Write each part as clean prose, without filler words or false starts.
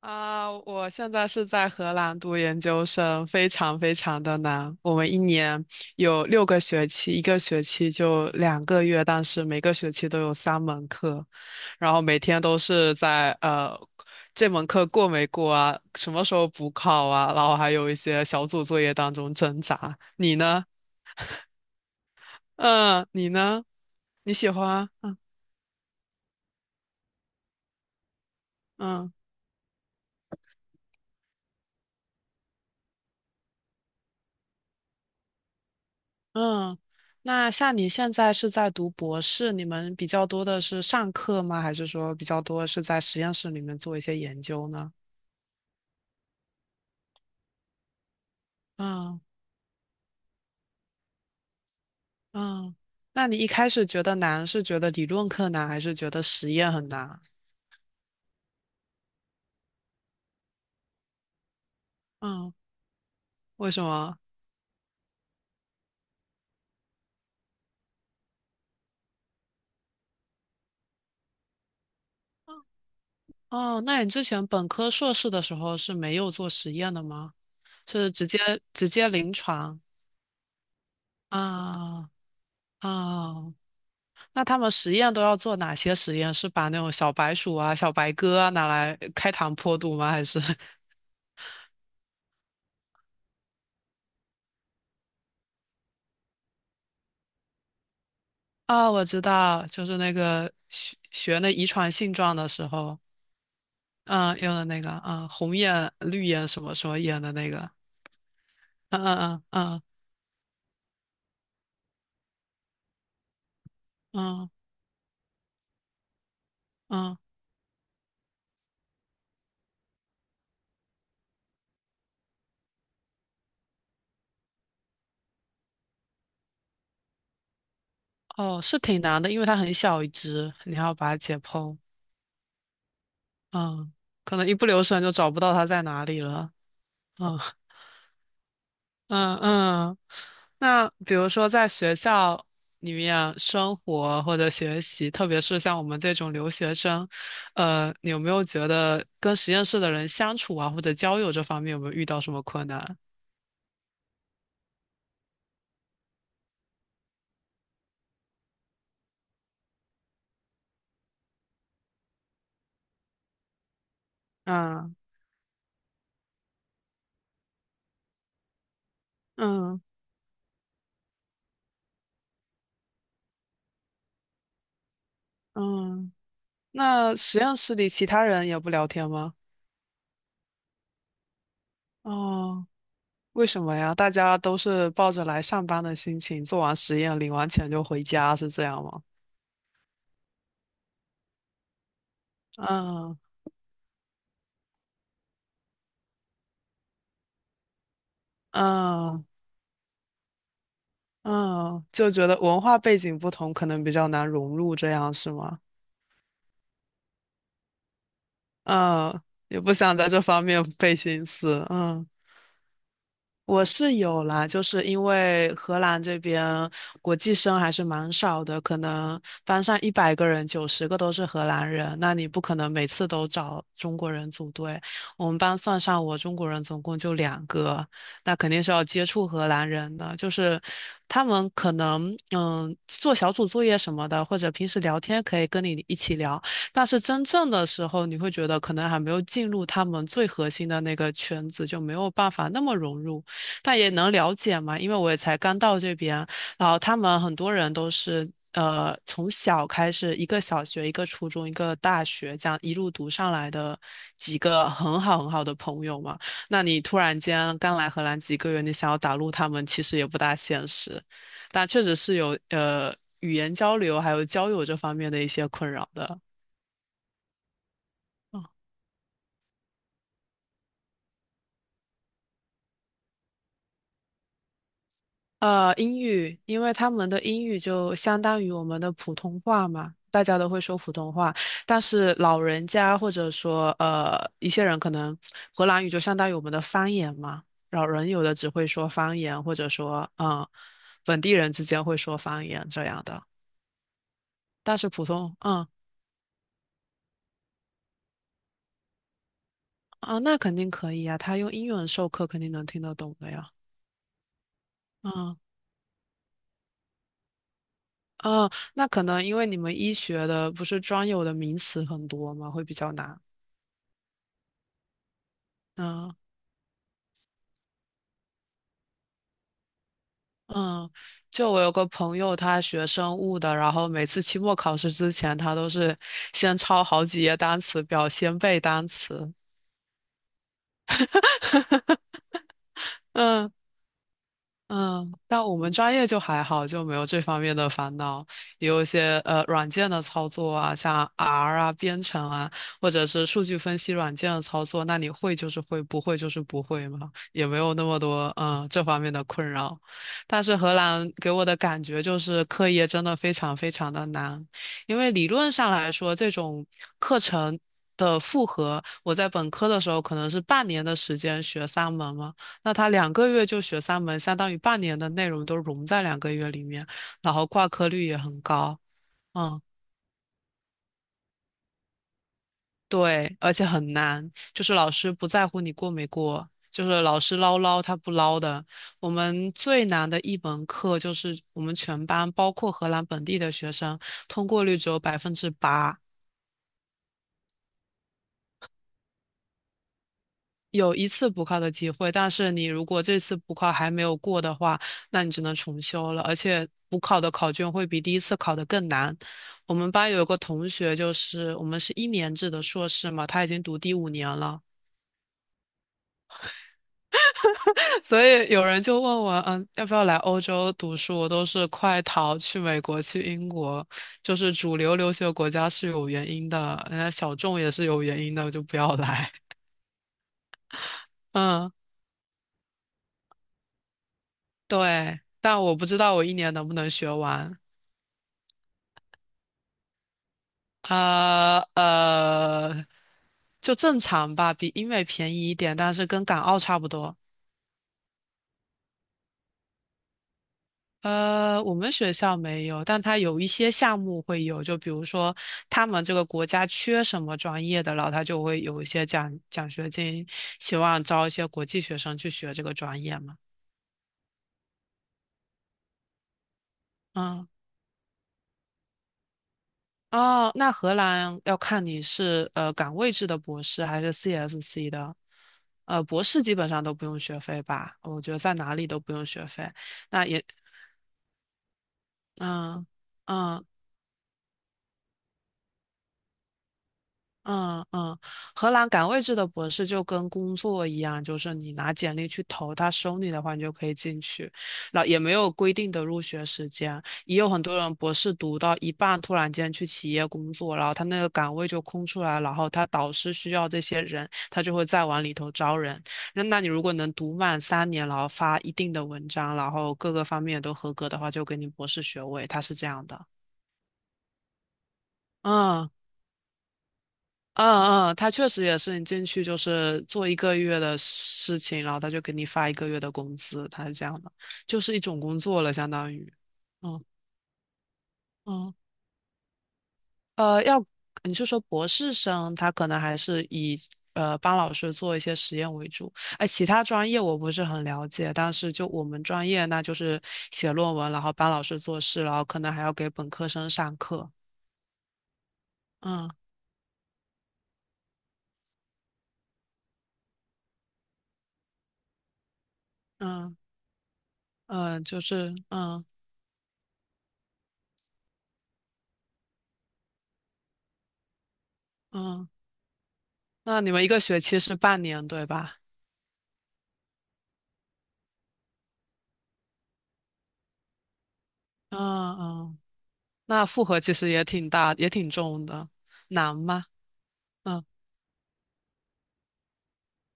啊，我现在是在荷兰读研究生，非常非常的难。我们一年有六个学期，一个学期就两个月，但是每个学期都有三门课，然后每天都是在这门课过没过啊，什么时候补考啊，然后还有一些小组作业当中挣扎。你呢？嗯，你呢？你喜欢？嗯。嗯，那像你现在是在读博士，你们比较多的是上课吗？还是说比较多是在实验室里面做一些研究呢？嗯嗯，那你一开始觉得难，是觉得理论课难，还是觉得实验很难？嗯，为什么？哦，那你之前本科、硕士的时候是没有做实验的吗？是直接临床。啊，啊，那他们实验都要做哪些实验？是把那种小白鼠啊、小白鸽啊拿来开膛破肚吗？还是 啊，我知道，就是那个学那遗传性状的时候，嗯，用的那个，嗯，红眼、绿眼什么什么眼的那个，嗯嗯嗯嗯嗯嗯，哦，是挺难的，因为它很小一只，你还要把它解剖，嗯，可能一不留神就找不到它在哪里了，嗯。嗯嗯，那比如说在学校里面生活或者学习，特别是像我们这种留学生，你有没有觉得跟实验室的人相处啊，或者交友这方面有没有遇到什么困难？嗯嗯嗯，那实验室里其他人也不聊天吗？哦，为什么呀？大家都是抱着来上班的心情，做完实验，领完钱就回家，是这样吗？嗯嗯嗯，就觉得文化背景不同，可能比较难融入，这样是吗？嗯，也不想在这方面费心思。嗯。我是有啦，就是因为荷兰这边国际生还是蛮少的，可能班上100个人，90个都是荷兰人，那你不可能每次都找中国人组队。我们班算上我，中国人总共就两个，那肯定是要接触荷兰人的，就是他们可能嗯做小组作业什么的，或者平时聊天可以跟你一起聊，但是真正的时候，你会觉得可能还没有进入他们最核心的那个圈子，就没有办法那么融入。但也能了解嘛，因为我也才刚到这边，然后他们很多人都是从小开始，一个小学、一个初中、一个大学，这样一路读上来的几个很好很好的朋友嘛。那你突然间刚来荷兰几个月，你想要打入他们，其实也不大现实，但确实是有语言交流还有交友这方面的一些困扰的。嗯。英语，因为他们的英语就相当于我们的普通话嘛，大家都会说普通话。但是老人家或者说一些人，可能荷兰语就相当于我们的方言嘛。老人有的只会说方言，或者说嗯，本地人之间会说方言这样的。但是普通，嗯。啊，那肯定可以呀，他用英文授课肯定能听得懂的呀。嗯嗯，那可能因为你们医学的不是专有的名词很多嘛，会比较难。嗯。嗯，就我有个朋友，他学生物的，然后每次期末考试之前，他都是先抄好几页单词表，先背单词。嗯。嗯，但我们专业就还好，就没有这方面的烦恼。也有一些软件的操作啊，像 R 啊、编程啊，或者是数据分析软件的操作，那你会就是会，不会就是不会嘛，也没有那么多嗯这方面的困扰。但是荷兰给我的感觉就是课业真的非常非常的难，因为理论上来说，这种课程。的复合，我在本科的时候可能是半年的时间学三门嘛，那他两个月就学三门，相当于半年的内容都融在两个月里面，然后挂科率也很高。嗯，对，而且很难，就是老师不在乎你过没过，就是老师唠唠他不唠的。我们最难的一门课就是我们全班包括荷兰本地的学生通过率只有8%，有一次补考的机会，但是你如果这次补考还没有过的话，那你只能重修了。而且补考的考卷会比第一次考的更难。我们班有一个同学，就是我们是一年制的硕士嘛，他已经读第五年了，所以有人就问我，嗯，要不要来欧洲读书？我都是快逃去美国、去英国，就是主流留学国家是有原因的，人家小众也是有原因的，我就不要来。嗯，对，但我不知道我一年能不能学完。呃呃，就正常吧，比英美便宜一点，但是跟港澳差不多。我们学校没有，但它有一些项目会有，就比如说他们这个国家缺什么专业的，然后他就会有一些奖学金，希望招一些国际学生去学这个专业嘛。嗯。哦，那荷兰要看你是岗位制的博士还是 CSC 的，博士基本上都不用学费吧？我觉得在哪里都不用学费。那也，嗯嗯，嗯嗯，荷兰岗位制的博士就跟工作一样，就是你拿简历去投，他收你的话，你就可以进去。然后也没有规定的入学时间，也有很多人博士读到一半，突然间去企业工作，然后他那个岗位就空出来，然后他导师需要这些人，他就会再往里头招人。那你如果能读满3年，然后发一定的文章，然后各个方面都合格的话，就给你博士学位，他是这样的。嗯，嗯嗯，他确实也是，你进去就是做一个月的事情，然后他就给你发一个月的工资，他是这样的，就是一种工作了，相当于。嗯嗯，要你是说博士生，他可能还是以帮老师做一些实验为主。哎，其他专业我不是很了解，但是就我们专业，那就是写论文，然后帮老师做事，然后可能还要给本科生上课。嗯嗯嗯，就是嗯嗯。那你们一个学期是半年，对吧？嗯嗯，那负荷其实也挺大，也挺重的，难吗？嗯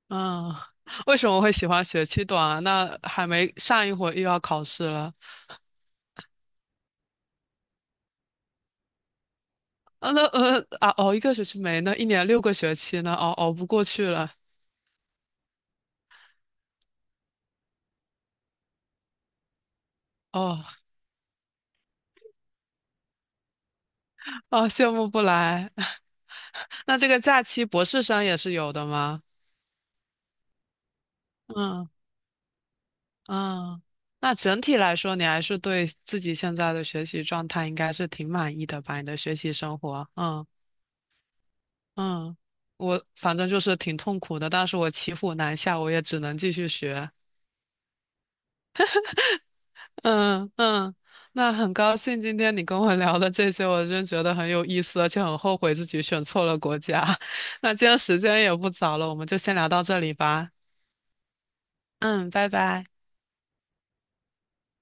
嗯，为什么会喜欢学期短啊？那还没上一会儿又要考试了，啊，那啊，熬一个学期没呢，一年六个学期呢，熬不过去了，哦哦，羡慕不来。那这个假期博士生也是有的吗？嗯。嗯，那整体来说，你还是对自己现在的学习状态应该是挺满意的吧？你的学习生活，嗯。嗯，我反正就是挺痛苦的，但是我骑虎难下，我也只能继续学。嗯嗯，那很高兴今天你跟我聊的这些，我真觉得很有意思，而且很后悔自己选错了国家。那今天时间也不早了，我们就先聊到这里吧。嗯，拜拜。